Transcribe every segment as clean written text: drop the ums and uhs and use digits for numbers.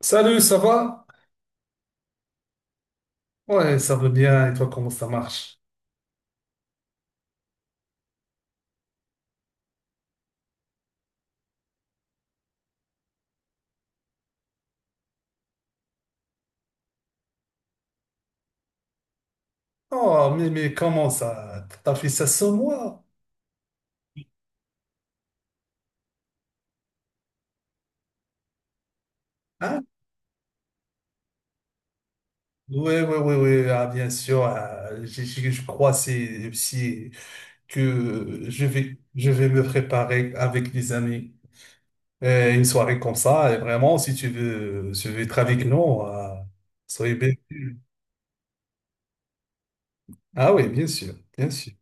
Salut, ça va? Ouais, ça va bien. Et toi, comment ça marche? Oh, mais comment ça? T'as fait ça sans moi? Hein? Ouais, ouais, ouais, ouais. Ah, bien sûr. Ah, je crois c'est que je vais me préparer avec des amis. Une soirée comme ça. Et vraiment, si tu veux être avec nous, ah, soyez bien. Ah oui, bien sûr, bien sûr.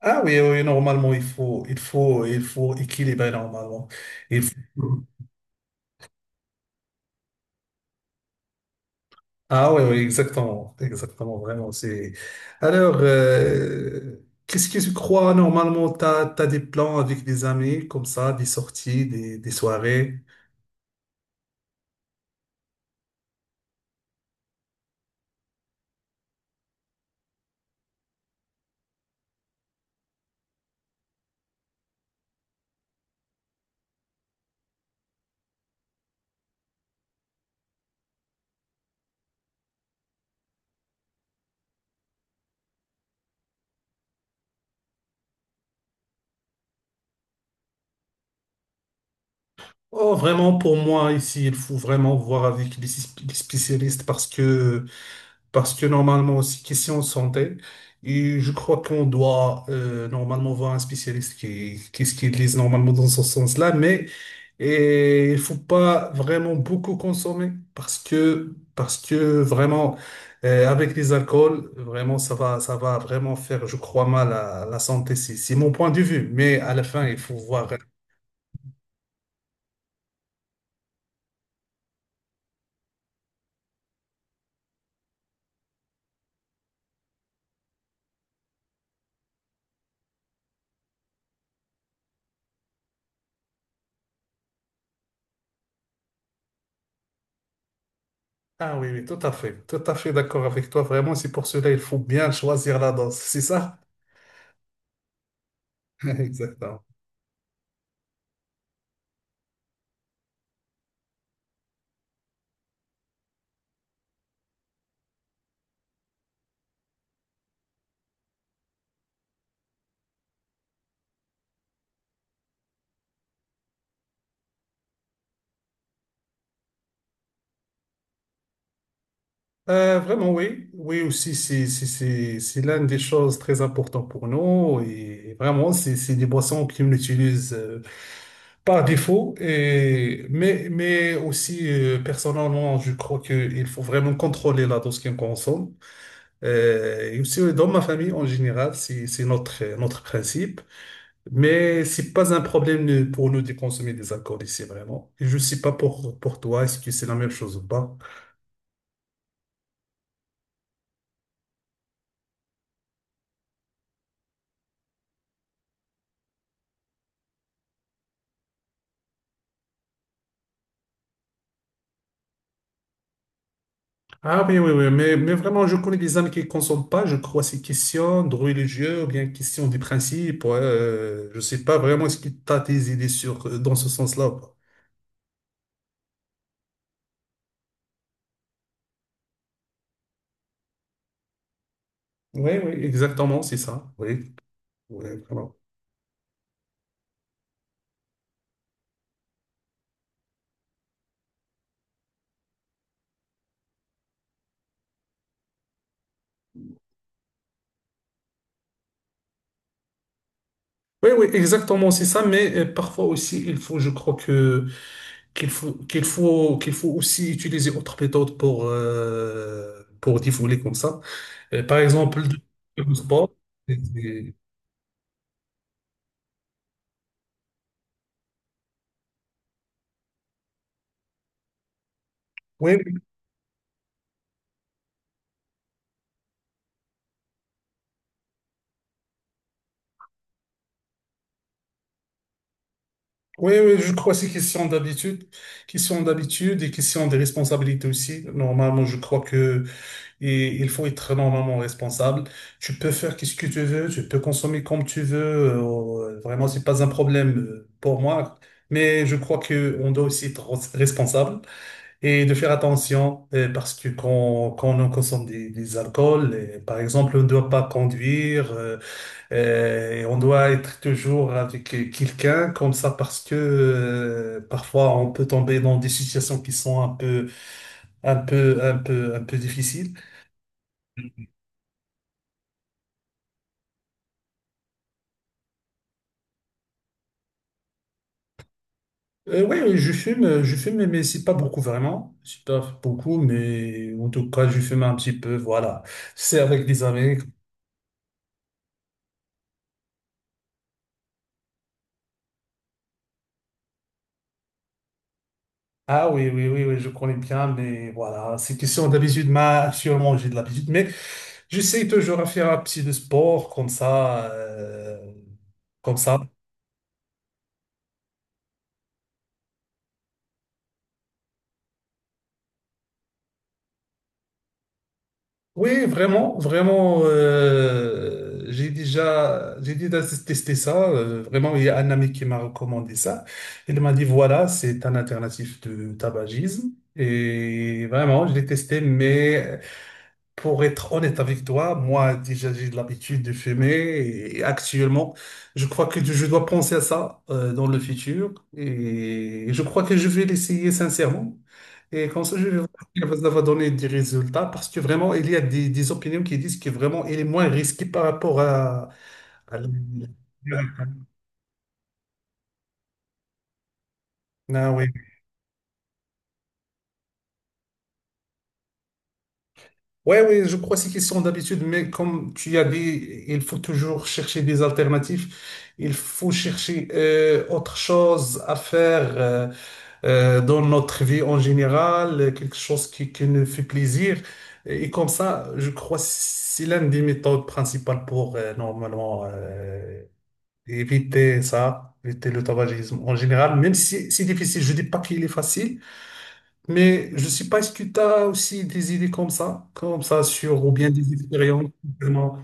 Ah oui, oui, normalement, il faut équilibrer normalement. Il faut. Ah oui, oui, exactement, exactement, vraiment. C'est... Alors, qu'est-ce que tu crois normalement? T'as des plans avec des amis comme ça, des sorties, des soirées? Oh, vraiment, pour moi, ici, il faut vraiment voir avec spécialistes. Parce que, parce que normalement aussi, question de santé, et je crois qu'on doit normalement voir un spécialiste qui lise normalement dans ce sens-là, mais et il faut pas vraiment beaucoup consommer parce que vraiment, avec les alcools, vraiment, ça va vraiment faire, je crois, mal à la santé. C'est mon point de vue, mais à la fin, il faut voir. Ah oui, oui, tout à fait d'accord avec toi. Vraiment, c'est pour cela il faut bien choisir la dose, c'est ça? Exactement. Vraiment, oui. Oui, aussi, c'est l'une des choses très importantes pour nous. Et vraiment, c'est des boissons qu'on utilise par défaut. Et, mais aussi, personnellement, je crois qu'il faut vraiment contrôler la dose qu'on consomme. Et aussi, dans ma famille, en général, c'est notre, notre principe. Mais c'est pas un problème pour nous de consommer des alcools ici, vraiment. Et je sais pas pour, pour toi, est-ce que c'est la même chose ou pas? Ah oui, oui, oui, mais vraiment, je connais des amis qui ne consomment pas. Je crois c'est question de religieux ou bien question des principes. Ouais, je ne sais pas vraiment ce qui t'a tes idées sur, dans ce sens-là. Ou pas. Oui, oui, exactement, c'est ça. Oui, oui, vraiment. Oui, oui, exactement, c'est ça. Mais parfois aussi, je crois que qu'il faut aussi utiliser autre méthode pour défouler comme ça. Par exemple, le sport. Oui, oui, oui, je crois que c'est question d'habitude et question de responsabilité aussi. Normalement, je crois que il faut être normalement responsable. Tu peux faire qu'est-ce que tu veux, tu peux consommer comme tu veux. Vraiment, c'est pas un problème pour moi. Mais je crois que on doit aussi être responsable et de faire attention parce que quand on consomme des alcools, par exemple, on ne doit pas conduire. Et on doit être toujours avec quelqu'un comme ça parce que parfois on peut tomber dans des situations qui sont un peu difficiles. Oui, oui, je fume, mais c'est pas beaucoup vraiment. C'est pas beaucoup, mais en tout cas, je fume un petit peu. Voilà. C'est avec des amis. Ah oui, oui, oui, oui, je connais bien, mais voilà, c'est question d'habitude. Ma, sûrement, j'ai de l'habitude, mais j'essaie toujours à faire un petit de sport comme ça. Comme ça. Oui, vraiment, vraiment, j'ai déjà testé ça. Vraiment, il y a un ami qui m'a recommandé ça. Il m'a dit, voilà, c'est un alternatif de tabagisme. Et vraiment, je l'ai testé, mais pour être honnête avec toi, moi, déjà, j'ai de l'habitude de fumer et actuellement, je crois que je dois penser à ça dans le futur et je crois que je vais l'essayer sincèrement. Et comme ça, je vais voir si ça va donner des résultats parce que vraiment, il y a des opinions qui disent que vraiment, il est moins risqué par rapport à, à l'- ah oui. Ouais, oui, je crois que c'est question d'habitude, mais comme tu as dit, il faut toujours chercher des alternatives. Il faut chercher autre chose à faire dans notre vie en général, quelque chose qui nous fait plaisir. Et comme ça, je crois que c'est l'une des méthodes principales pour normalement éviter ça, éviter le tabagisme en général, même si c'est difficile. Je dis pas qu'il est facile. Mais je sais pas, est-ce que tu as aussi des idées comme ça sur, ou bien des expériences, vraiment.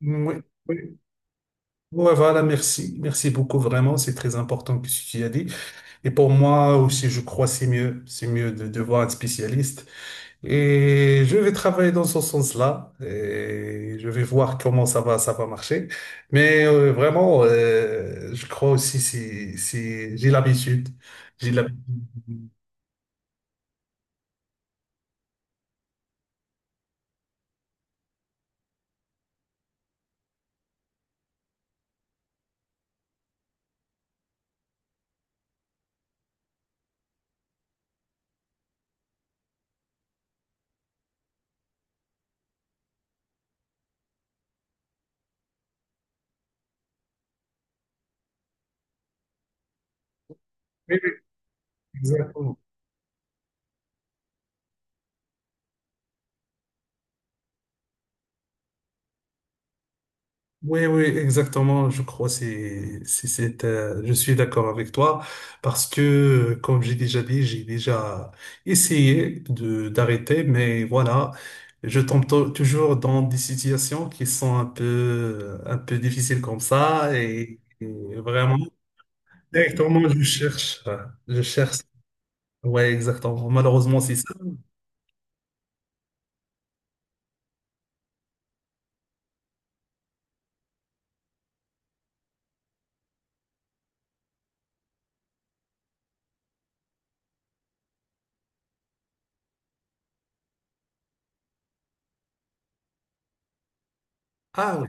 Oui, oui. Ouais, voilà, merci. Merci beaucoup, vraiment. C'est très important que ce que tu as dit. Et pour moi aussi, je crois que c'est mieux. C'est mieux de voir un spécialiste. Et je vais travailler dans ce sens-là. Et je vais voir comment ça va marcher. Mais vraiment, je crois aussi, j'ai l'habitude. J'ai l'habitude. Oui, oui, exactement. Oui, oui, exactement. Je crois c'est je suis d'accord avec toi parce que comme j'ai déjà dit, j'ai déjà essayé de d'arrêter, mais voilà, je tombe toujours dans des situations qui sont un peu difficiles comme ça et vraiment directement je cherche je cherche. Ouais, exactement. Malheureusement, c'est ça. Ah oui,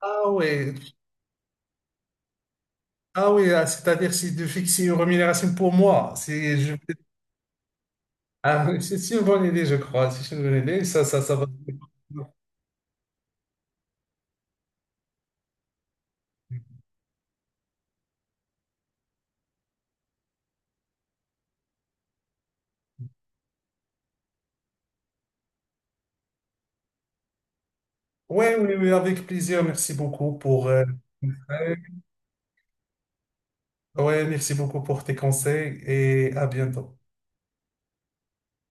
ah oui, ah oui, ah, c'est-à-dire c'est de fixer une rémunération pour moi. C'est je. Ah, oui, c'est une bonne idée, je crois. C'est une bonne idée. Ça va. Oui, oui, oui, avec plaisir. Merci beaucoup pour, ouais, merci beaucoup pour tes conseils et à bientôt.